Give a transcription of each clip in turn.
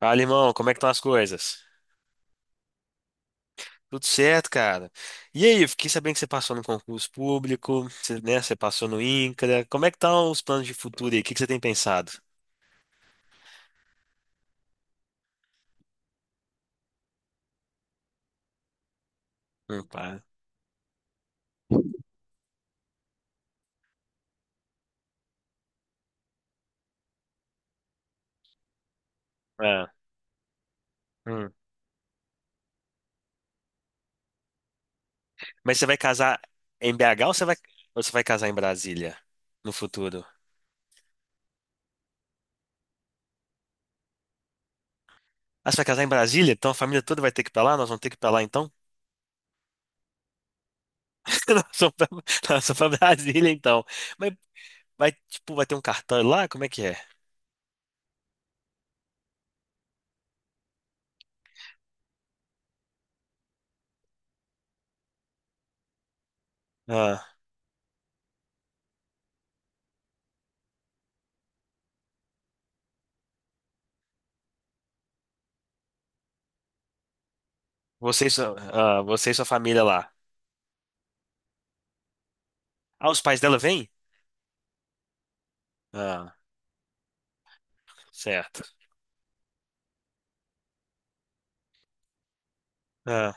Fala, irmão, como é que estão as coisas? Tudo certo, cara. E aí, eu fiquei sabendo que você passou no concurso público, você, né, você passou no INCRA. Como é que estão os planos de futuro aí? O que que você tem pensado? Pá. Ah, hum. Mas você vai casar em BH ou ou você vai casar em Brasília no futuro? Ah, você vai casar em Brasília? Então a família toda vai ter que ir pra lá? Nós vamos ter que ir pra lá então? Nós vamos pra, Nós vamos pra Brasília então. Mas vai, tipo, vai ter um cartão lá? Como é que é? Ah, você e sua, você e sua família lá. Ah, os pais dela vêm? Ah, certo. Ah,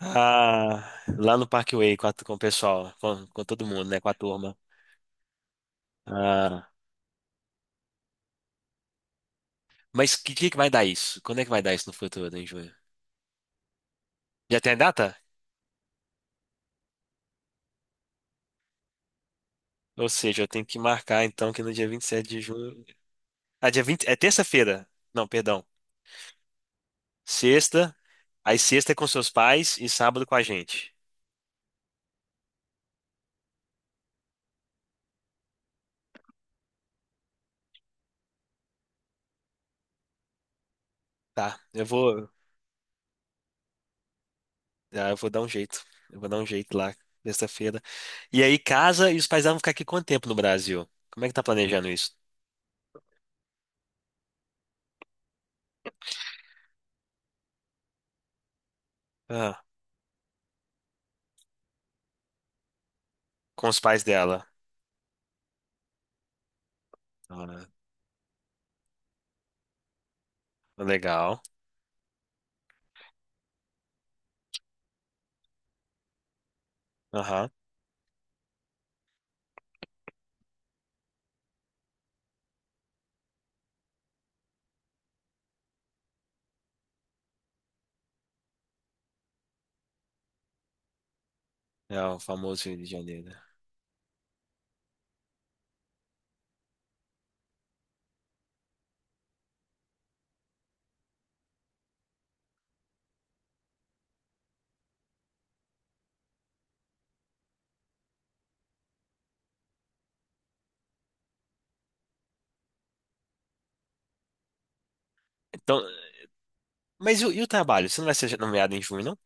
ah, lá no Parkway com o pessoal, com todo mundo, né? Com a turma. Ah, mas que dia que vai dar isso? Quando é que vai dar isso no futuro, em junho? Já tem a data? Ou seja, eu tenho que marcar então que no dia 27 de junho. Ah, dia 20 é terça-feira. Não, perdão. Sexta. Aí sexta é com seus pais e sábado com a gente. Tá, eu vou, ah, eu vou dar um jeito. Eu vou dar um jeito lá, sexta-feira. E aí casa e os pais vão ficar aqui quanto tempo no Brasil? Como é que tá planejando isso? Com os pais dela. Ah, legal. Aham. É o famoso Rio de Janeiro. Então, mas e o trabalho? Você não vai ser nomeado em junho, não?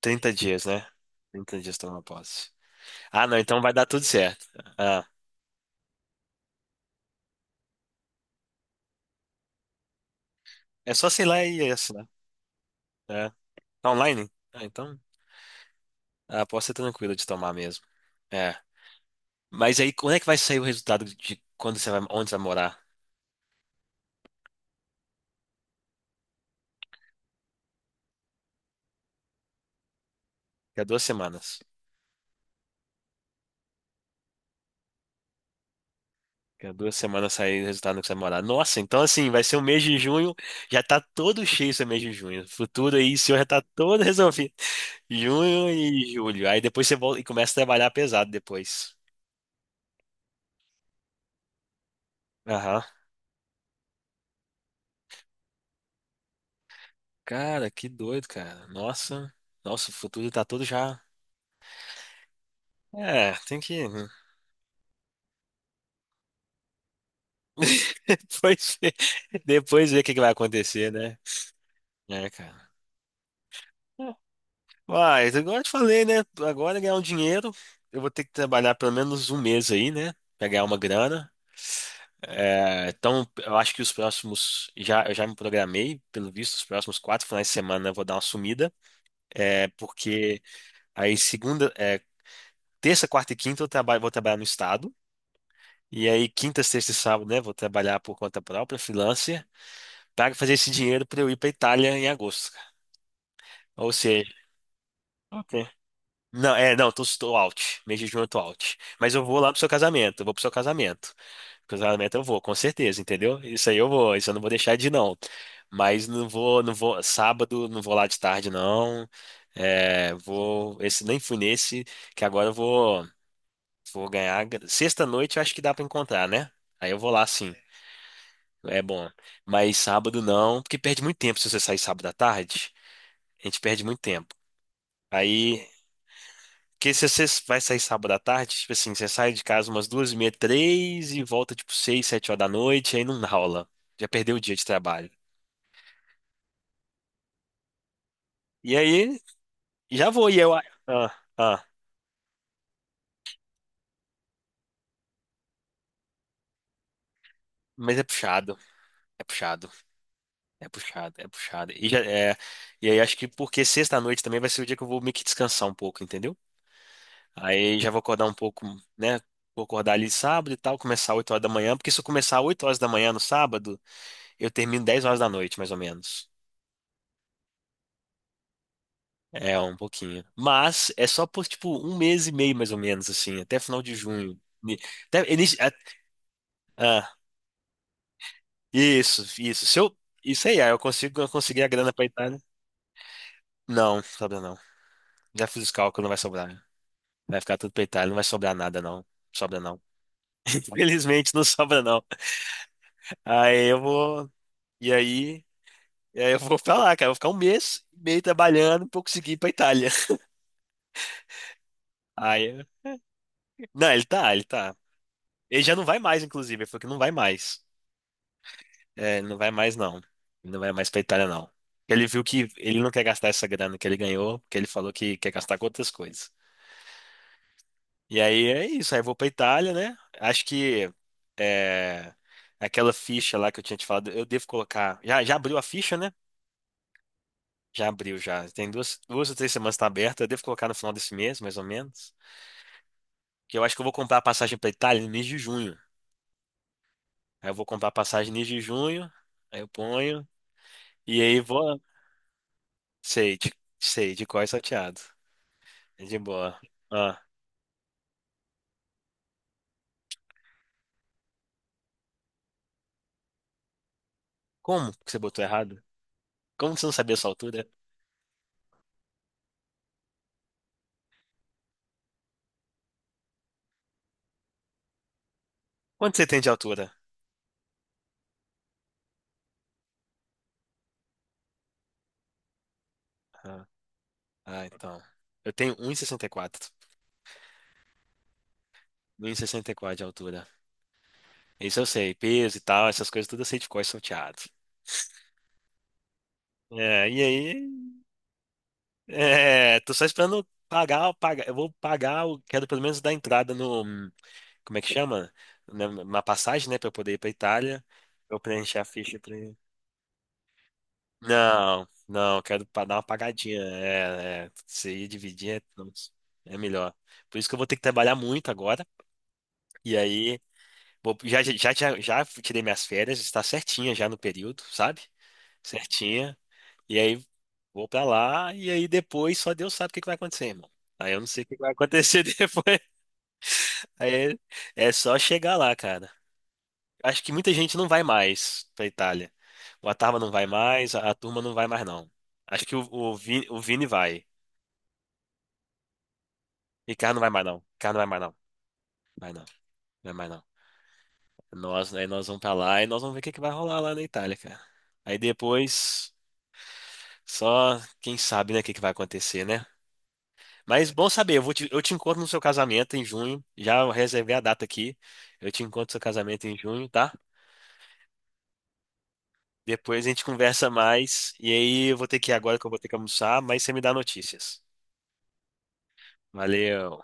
Trinta dias, né? Trinta dias tomar posse. Ah, não, então vai dar tudo certo. Ah, é só sei lá e assinar. É. Tá online? Ah, então a posse é tranquila de tomar mesmo. É. Mas aí, quando é que vai sair o resultado de quando você vai, onde você vai morar? Daqui a duas semanas. Fica duas semanas saindo o resultado que você vai morar. Nossa, então assim, vai ser o mês de junho, já tá todo cheio esse mês de junho. Futuro aí, o senhor já tá todo resolvido. Junho e julho. Aí depois você volta e começa a trabalhar pesado depois. Aham. Cara, que doido, cara. Nossa, nossa, o futuro tá todo já. É, tem que depois ver, depois ver o que que vai acontecer, né? É, cara. Mas, agora eu te falei, né? Agora ganhar um dinheiro, eu vou ter que trabalhar pelo menos um mês aí, né? Pra ganhar uma grana. É, então, eu acho que os próximos. Já, eu já me programei, pelo visto, os próximos quatro finais de semana eu vou dar uma sumida. É, porque aí, segunda, terça, quarta e quinta eu trabalho, vou trabalhar no estado. E aí, quinta, sexta e sábado, né? Vou trabalhar por conta própria, freelancer, para fazer esse dinheiro para eu ir para Itália em agosto. Ou seja, ok. Não, não, tô out. Mês de junho eu tô out. Mas eu vou lá pro seu casamento, eu vou pro seu casamento. Pro seu casamento eu vou, com certeza, entendeu? Isso aí eu vou, isso eu não vou deixar de ir, não. Mas não vou, não vou, sábado não vou lá de tarde, não. É, vou, esse, nem fui nesse, que agora eu vou ganhar. Sexta-noite eu acho que dá pra encontrar, né? Aí eu vou lá sim, é bom. Mas sábado não, porque perde muito tempo se você sair sábado à tarde. A gente perde muito tempo. Aí porque se você vai sair sábado à tarde, tipo assim, você sai de casa umas duas e meia, três e volta tipo seis, sete horas da noite, aí não dá rola. Já perdeu o dia de trabalho. E aí, já vou, e eu. Ah, ah, mas é puxado, é puxado, é puxado. E, já, é, e aí acho que porque sexta-noite também vai ser o dia que eu vou meio que descansar um pouco, entendeu? Aí já vou acordar um pouco, né? Vou acordar ali sábado e tal, começar oito horas da manhã, porque se eu começar oito horas da manhã no sábado, eu termino dez horas da noite, mais ou menos. É, um pouquinho. Mas é só por, tipo, um mês e meio, mais ou menos, assim, até final de junho. Ni- Até, início, ah, ah, isso, isso. Se eu, isso aí, ah, eu consigo, eu consegui a grana pra Itália. Não, sobra não. Já fiz os cálculos, não vai sobrar. Vai ficar tudo pra Itália, não vai sobrar nada, não. Sobra não. Infelizmente, não sobra não. Aí eu vou, e aí, e aí eu vou pra lá, cara. Eu vou ficar um mês e meio trabalhando pra eu conseguir ir pra Itália. Aí, não, ele tá, ele tá. Ele já não vai mais, inclusive. Ele falou que não vai mais. É, ele não vai mais, não. Ele não vai mais pra Itália, não. Ele viu que ele não quer gastar essa grana que ele ganhou, porque ele falou que quer gastar com outras coisas. E aí é isso, aí eu vou pra Itália, né? Acho que é, aquela ficha lá que eu tinha te falado, eu devo colocar. Já, já abriu a ficha, né? Já abriu, já. Tem duas, duas ou três semanas que tá aberta, eu devo colocar no final desse mês, mais ou menos. Que eu acho que eu vou comprar a passagem pra Itália no mês de junho. Aí eu vou comprar a passagem no mês de junho, aí eu ponho, e aí vou. Sei, de- sei, de cor e salteado. De boa. Ah, como que você botou errado? Como você não sabia a sua altura? Quanto você tem de altura? Ah, ah, então. Eu tenho um sessenta e quatro, um e sessenta e quatro de altura. Isso eu sei. Peso e tal, essas coisas tudo eu sei de cor salteado. É, e aí? É, tô só esperando pagar, pagar. Eu vou pagar, eu quero pelo menos dar entrada no. Como é que chama? Na, na passagem, né? Pra eu poder ir pra Itália. Pra eu preencher a ficha pra. Não, não, quero pa- dar uma pagadinha. É, é, se ir dividir é, não, é melhor. Por isso que eu vou ter que trabalhar muito agora. E aí, vou- já tirei minhas férias, está certinha já no período, sabe? Certinha. E aí, vou pra lá. E aí, depois, só Deus sabe o que que vai acontecer, irmão. Aí eu não sei o que que vai acontecer depois. Aí é é só chegar lá, cara. Acho que muita gente não vai mais pra Itália. O Atarva não vai mais, a turma não vai mais, não. Acho que o Vini vai. Ricardo não vai mais, não. Ricardo não vai mais, não. Vai não. Vai mais, não. Nós, aí nós vamos pra lá e nós vamos ver o que que vai rolar lá na Itália, cara. Aí depois, só quem sabe, né, o que que vai acontecer, né? Mas bom saber, eu te encontro no seu casamento em junho. Já reservei a data aqui. Eu te encontro no seu casamento em junho, tá? Depois a gente conversa mais. E aí eu vou ter que ir agora que eu vou ter que almoçar, mas você me dá notícias. Valeu.